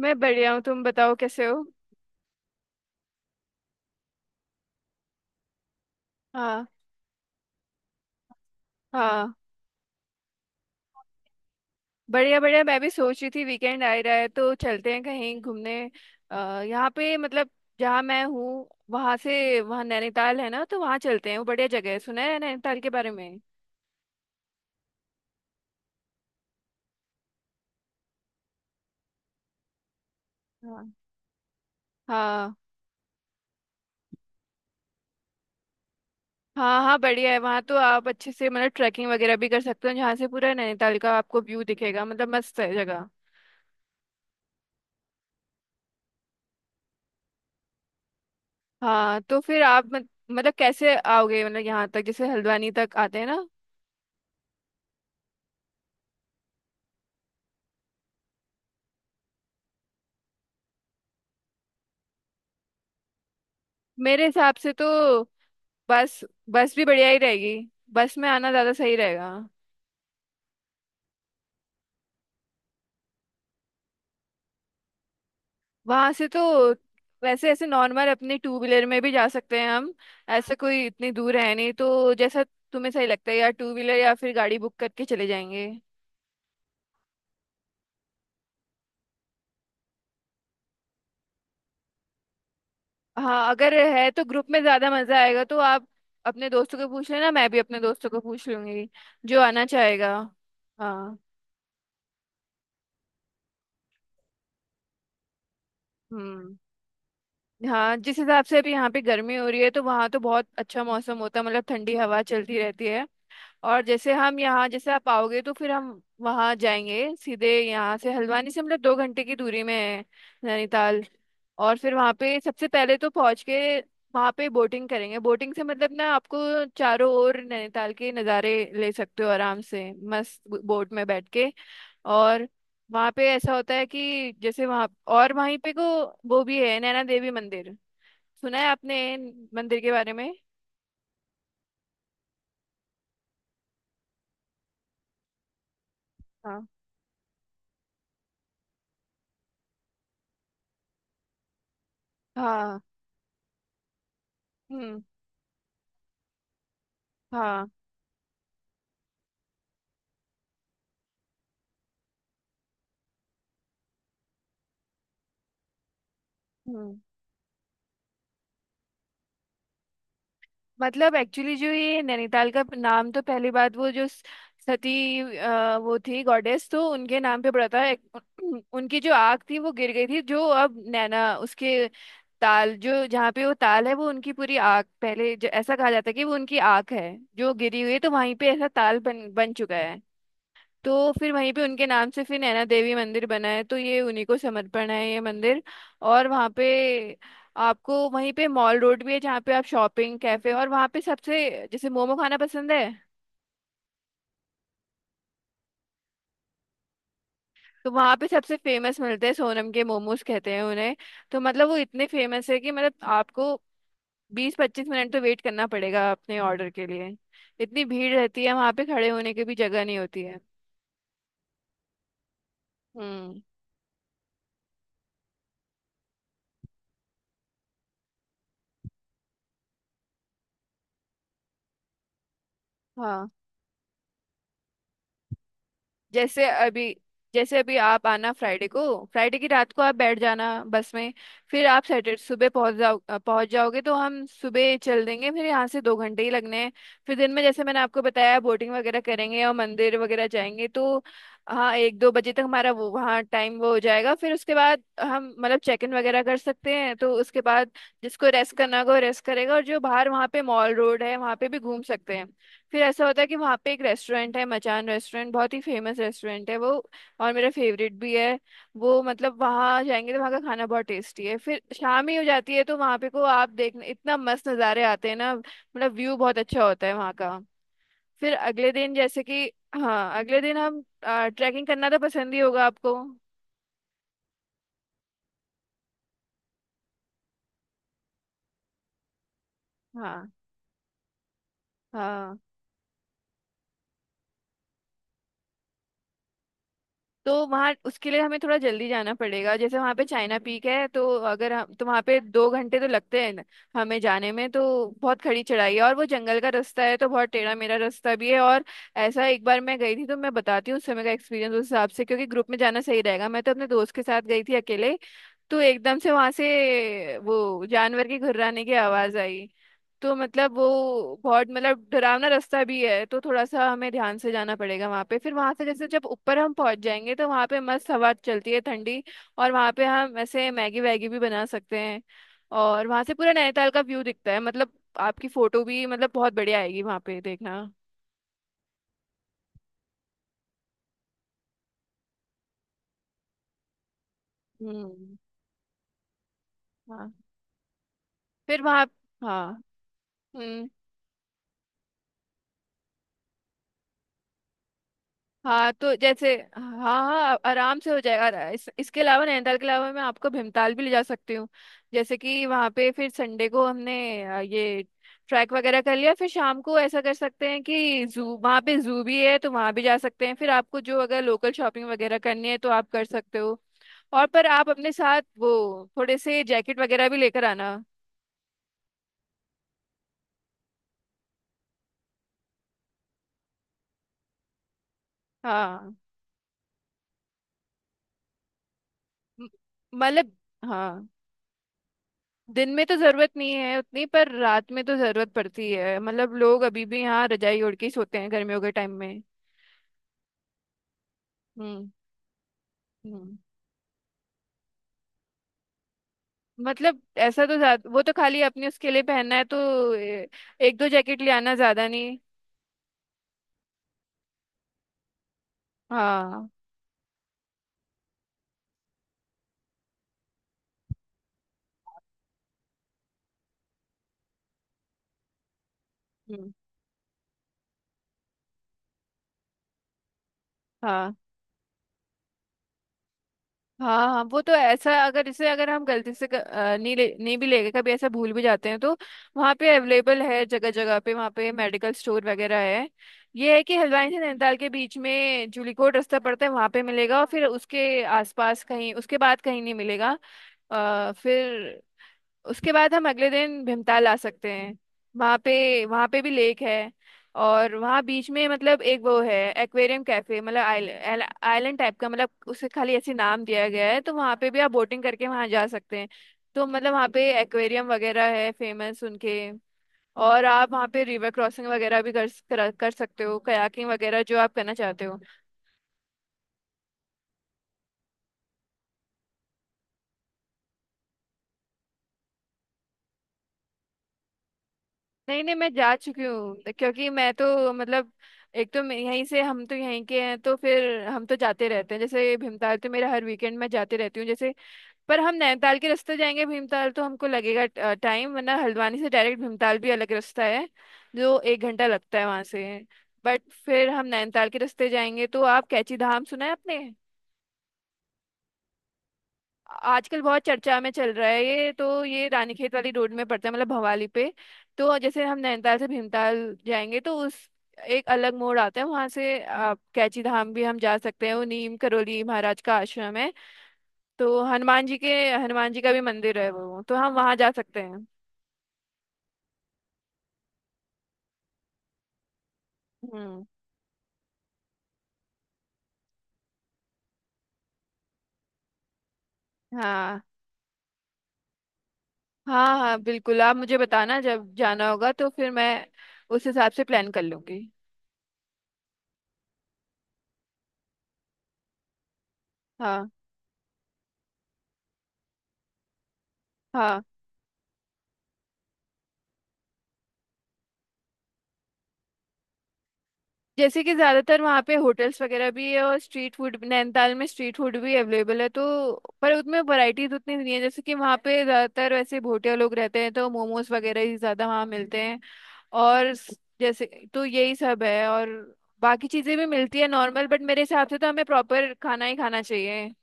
मैं बढ़िया हूँ। तुम बताओ कैसे हो। हाँ। हाँ। बढ़िया बढ़िया, मैं भी सोच रही थी वीकेंड आ ही रहा है तो चलते हैं कहीं घूमने। अ, यहाँ पे मतलब जहाँ मैं हूँ वहाँ से वहाँ नैनीताल है ना, तो वहाँ चलते हैं। वो बढ़िया जगह है, सुना है नैनीताल के बारे में। हाँ। हाँ। हाँ। हाँ। बढ़िया है वहाँ, तो आप अच्छे से मतलब ट्रैकिंग वगैरह भी कर सकते हो जहाँ से पूरा नैनीताल का आपको व्यू दिखेगा, मतलब मस्त है जगह। हाँ तो फिर आप मतलब कैसे आओगे, मतलब यहाँ तक जैसे हल्द्वानी तक आते हैं ना। मेरे हिसाब से तो बस बस भी बढ़िया ही रहेगी, बस में आना ज्यादा सही रहेगा। वहां से तो वैसे ऐसे नॉर्मल अपने टू व्हीलर में भी जा सकते हैं हम। ऐसा कोई इतनी दूर है नहीं, तो जैसा तुम्हें सही लगता है, या टू व्हीलर या फिर गाड़ी बुक करके चले जाएंगे। हाँ अगर है तो ग्रुप में ज्यादा मजा आएगा, तो आप अपने दोस्तों को पूछ लेना, मैं भी अपने दोस्तों को पूछ लूंगी जो आना चाहेगा। हाँ। हम्म। हाँ जिस हिसाब से अभी यहाँ पे गर्मी हो रही है तो वहाँ तो बहुत अच्छा मौसम होता है, मतलब ठंडी हवा चलती रहती है। और जैसे हम यहाँ जैसे आप आओगे तो फिर हम वहाँ जाएंगे सीधे, यहाँ से हल्द्वानी से मतलब 2 घंटे की दूरी में है नैनीताल। और फिर वहाँ पे सबसे पहले तो पहुँच के वहाँ पे बोटिंग करेंगे। बोटिंग से मतलब ना आपको चारों ओर नैनीताल के नज़ारे ले सकते हो आराम से मस्त बोट में बैठ के। और वहाँ पे ऐसा होता है कि जैसे वहाँ और वहीं पे को वो भी है, नैना देवी मंदिर। सुना है आपने मंदिर के बारे में। हाँ। हाँ। हम्म। हाँ। हम्म, मतलब एक्चुअली जो ये नैनीताल का नाम तो पहली बात, वो जो सती वो थी गॉडेस, तो उनके नाम पे पड़ा था। उनकी जो आग थी वो गिर गई थी, जो अब नैना उसके ताल, जो जहाँ पे वो ताल है वो उनकी पूरी आग, पहले जो ऐसा कहा जाता है कि वो उनकी आग है जो गिरी हुई है, तो वहीं पे ऐसा ताल बन बन चुका है। तो फिर वहीं पे उनके नाम से फिर नैना देवी मंदिर बना है, तो ये उन्हीं को समर्पण है ये मंदिर। और वहाँ पे आपको वहीं पे मॉल रोड भी है जहाँ पे आप शॉपिंग कैफे, और वहाँ पे सबसे जैसे मोमो खाना पसंद है तो वहाँ पे सबसे फेमस मिलते हैं सोनम के मोमोज कहते हैं उन्हें। तो मतलब वो इतने फेमस है कि मतलब आपको 20-25 मिनट तो वेट करना पड़ेगा अपने ऑर्डर के लिए, इतनी भीड़ रहती है वहाँ पे, खड़े होने की भी जगह नहीं होती है। हम्म। हाँ जैसे अभी, जैसे अभी आप आना फ्राइडे को, फ्राइडे की रात को आप बैठ जाना बस में। फिर आप सैटरडे सुबह पहुंच जाओ, पहुंच जाओगे तो हम सुबह चल देंगे, फिर यहाँ से 2 घंटे ही लगने हैं। फिर दिन में जैसे मैंने आपको बताया बोटिंग वगैरह करेंगे और मंदिर वगैरह जाएंगे, तो हाँ 1-2 बजे तक हमारा वो वहाँ टाइम वो हो जाएगा, फिर उसके बाद हम मतलब चेक इन वगैरह कर सकते हैं। तो उसके बाद जिसको रेस्ट करना होगा वो रेस्ट करेगा, और जो बाहर वहाँ पे मॉल रोड है वहाँ पे भी घूम सकते हैं। फिर ऐसा होता है कि वहाँ पे एक रेस्टोरेंट है, मचान रेस्टोरेंट, बहुत ही फेमस रेस्टोरेंट है वो, और मेरा फेवरेट भी है वो। मतलब वहाँ जाएंगे तो वहाँ का खाना बहुत टेस्टी है, फिर शाम ही हो जाती है, तो वहाँ पे को आप देखने इतना मस्त नज़ारे आते हैं ना, मतलब व्यू बहुत अच्छा होता है वहाँ का। फिर अगले दिन जैसे कि हाँ अगले दिन हम ट्रैकिंग करना तो पसंद ही होगा आपको। हाँ। हाँ तो वहाँ उसके लिए हमें थोड़ा जल्दी जाना पड़ेगा, जैसे वहाँ पे चाइना पीक है, तो अगर हम तो वहाँ पे 2 घंटे तो लगते हैं हमें जाने में तो। बहुत खड़ी चढ़ाई है, और वो जंगल का रास्ता है तो बहुत टेढ़ा मेरा रास्ता भी है। और ऐसा एक बार मैं गई थी, तो मैं बताती हूँ उस समय का एक्सपीरियंस, उस हिसाब से क्योंकि ग्रुप में जाना सही रहेगा। मैं तो अपने दोस्त के साथ गई थी अकेले, तो एकदम से वहाँ से वो जानवर की घुर्राने की आवाज़ आई। तो मतलब वो बहुत मतलब डरावना रास्ता भी है, तो थोड़ा सा हमें ध्यान से जाना पड़ेगा वहां पे। फिर वहां से जैसे जब ऊपर हम पहुंच जाएंगे तो वहां पे मस्त हवा चलती है ठंडी, और वहां पे हम ऐसे मैगी वैगी भी बना सकते हैं, और वहां से पूरा नैनीताल का व्यू दिखता है, मतलब आपकी फोटो भी मतलब बहुत बढ़िया आएगी वहां पे देखना। हम्म। हाँ फिर वहां। हाँ। हम्म। हाँ तो जैसे हाँ, हाँ आराम से हो जाएगा। इसके अलावा, नैनीताल के अलावा, मैं आपको भीमताल भी ले जा सकती हूँ। जैसे कि वहाँ पे फिर संडे को हमने ये ट्रैक वगैरह कर लिया, फिर शाम को ऐसा कर सकते हैं कि जू वहाँ पे जू भी है तो वहाँ भी जा सकते हैं। फिर आपको जो अगर लोकल शॉपिंग वगैरह करनी है तो आप कर सकते हो। और पर आप अपने साथ वो थोड़े से जैकेट वगैरह भी लेकर आना। हाँ। म- मतलब हाँ, दिन में तो जरूरत नहीं है उतनी, पर रात में तो जरूरत पड़ती है, मतलब लोग अभी भी यहाँ रजाई ओढ़ के ही सोते हैं गर्मियों के टाइम में। हम्म। हम्म, मतलब ऐसा तो ज्यादा वो तो खाली अपने उसके लिए पहनना है, तो एक दो जैकेट ले आना, ज्यादा नहीं। हाँ। हम्म। हाँ। हाँ। हाँ वो तो ऐसा, अगर इसे अगर हम गलती से नहीं ले, नहीं भी ले गए, कभी ऐसा भूल भी जाते हैं, तो वहाँ पे अवेलेबल है जगह जगह पे, वहाँ पे मेडिकल स्टोर वगैरह है। ये है कि हल्द्वानी से नैनीताल के बीच में जूलीकोट रास्ता पड़ता है, वहाँ पे मिलेगा, और फिर उसके आसपास कहीं, उसके बाद कहीं नहीं मिलेगा। फिर उसके बाद हम अगले दिन भीमताल आ सकते हैं, वहाँ पे भी लेक है। और वहाँ बीच में मतलब एक वो है एक्वेरियम कैफे, मतलब आइलैंड, आइलैंड टाइप का, मतलब उसे खाली ऐसे नाम दिया गया है, तो वहाँ पे भी आप बोटिंग करके वहाँ जा सकते हैं। तो मतलब वहाँ पे एक्वेरियम वगैरह है फेमस उनके, और आप वहाँ पे रिवर क्रॉसिंग वगैरह भी कर सकते हो, कयाकिंग वगैरह जो आप करना चाहते हो। नहीं नहीं मैं जा चुकी हूँ, क्योंकि मैं तो मतलब एक तो मैं यहीं से, हम तो यहीं के हैं, तो फिर हम तो जाते रहते हैं, जैसे भीमताल तो मेरा हर वीकेंड में जाते रहती हूँ। जैसे पर हम नैनीताल के रास्ते जाएंगे भीमताल तो हमको लगेगा टाइम, वरना हल्द्वानी से डायरेक्ट भीमताल भी अलग रास्ता है जो 1 घंटा लगता है वहां से। बट फिर हम नैनीताल के रास्ते जाएंगे तो आप कैची धाम सुना है आपने। आजकल बहुत चर्चा में चल रहा है ये, तो ये रानीखेत वाली रोड में पड़ता है, मतलब भवाली पे। तो जैसे हम नैनीताल से भीमताल जाएंगे तो उस एक अलग मोड़ आता है, वहां से आप कैची धाम भी हम जा सकते हैं, वो नीम करोली महाराज का आश्रम है। तो हनुमान जी के, हनुमान जी का भी मंदिर है वो, तो हम वहां जा सकते हैं। हम्म। हाँ। हाँ। हाँ बिल्कुल, आप मुझे बताना जब जाना होगा तो फिर मैं उस हिसाब से प्लान कर लूंगी। हाँ। हाँ जैसे कि ज्यादातर वहाँ पे होटल्स वगैरह भी है, और स्ट्रीट फूड नैनीताल में स्ट्रीट फूड भी अवेलेबल है, तो पर उसमें वैरायटीज उतनी नहीं है, जैसे कि वहाँ पे ज्यादातर वैसे भोटिया लोग रहते हैं तो मोमोज वगैरह ही ज्यादा वहाँ मिलते हैं। और जैसे तो यही सब है, और बाकी चीजें भी मिलती है नॉर्मल, बट मेरे हिसाब से तो हमें प्रॉपर खाना ही खाना चाहिए।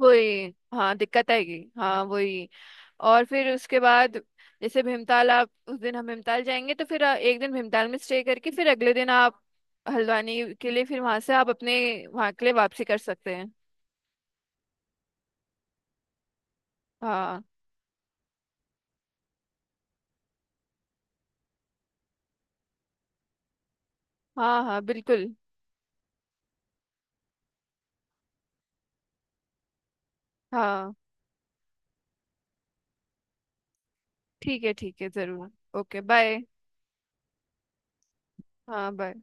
वही हाँ दिक्कत आएगी, हाँ वही। और फिर उसके बाद जैसे भीमताल, आप उस दिन हम भीमताल जाएंगे तो फिर एक दिन भीमताल में स्टे करके, फिर अगले दिन आप हल्द्वानी के लिए, फिर वहां से आप अपने वहां के लिए वापसी कर सकते हैं। हाँ। हाँ। हाँ बिल्कुल। हाँ। ठीक है जरूर। Okay bye. हाँ बाय।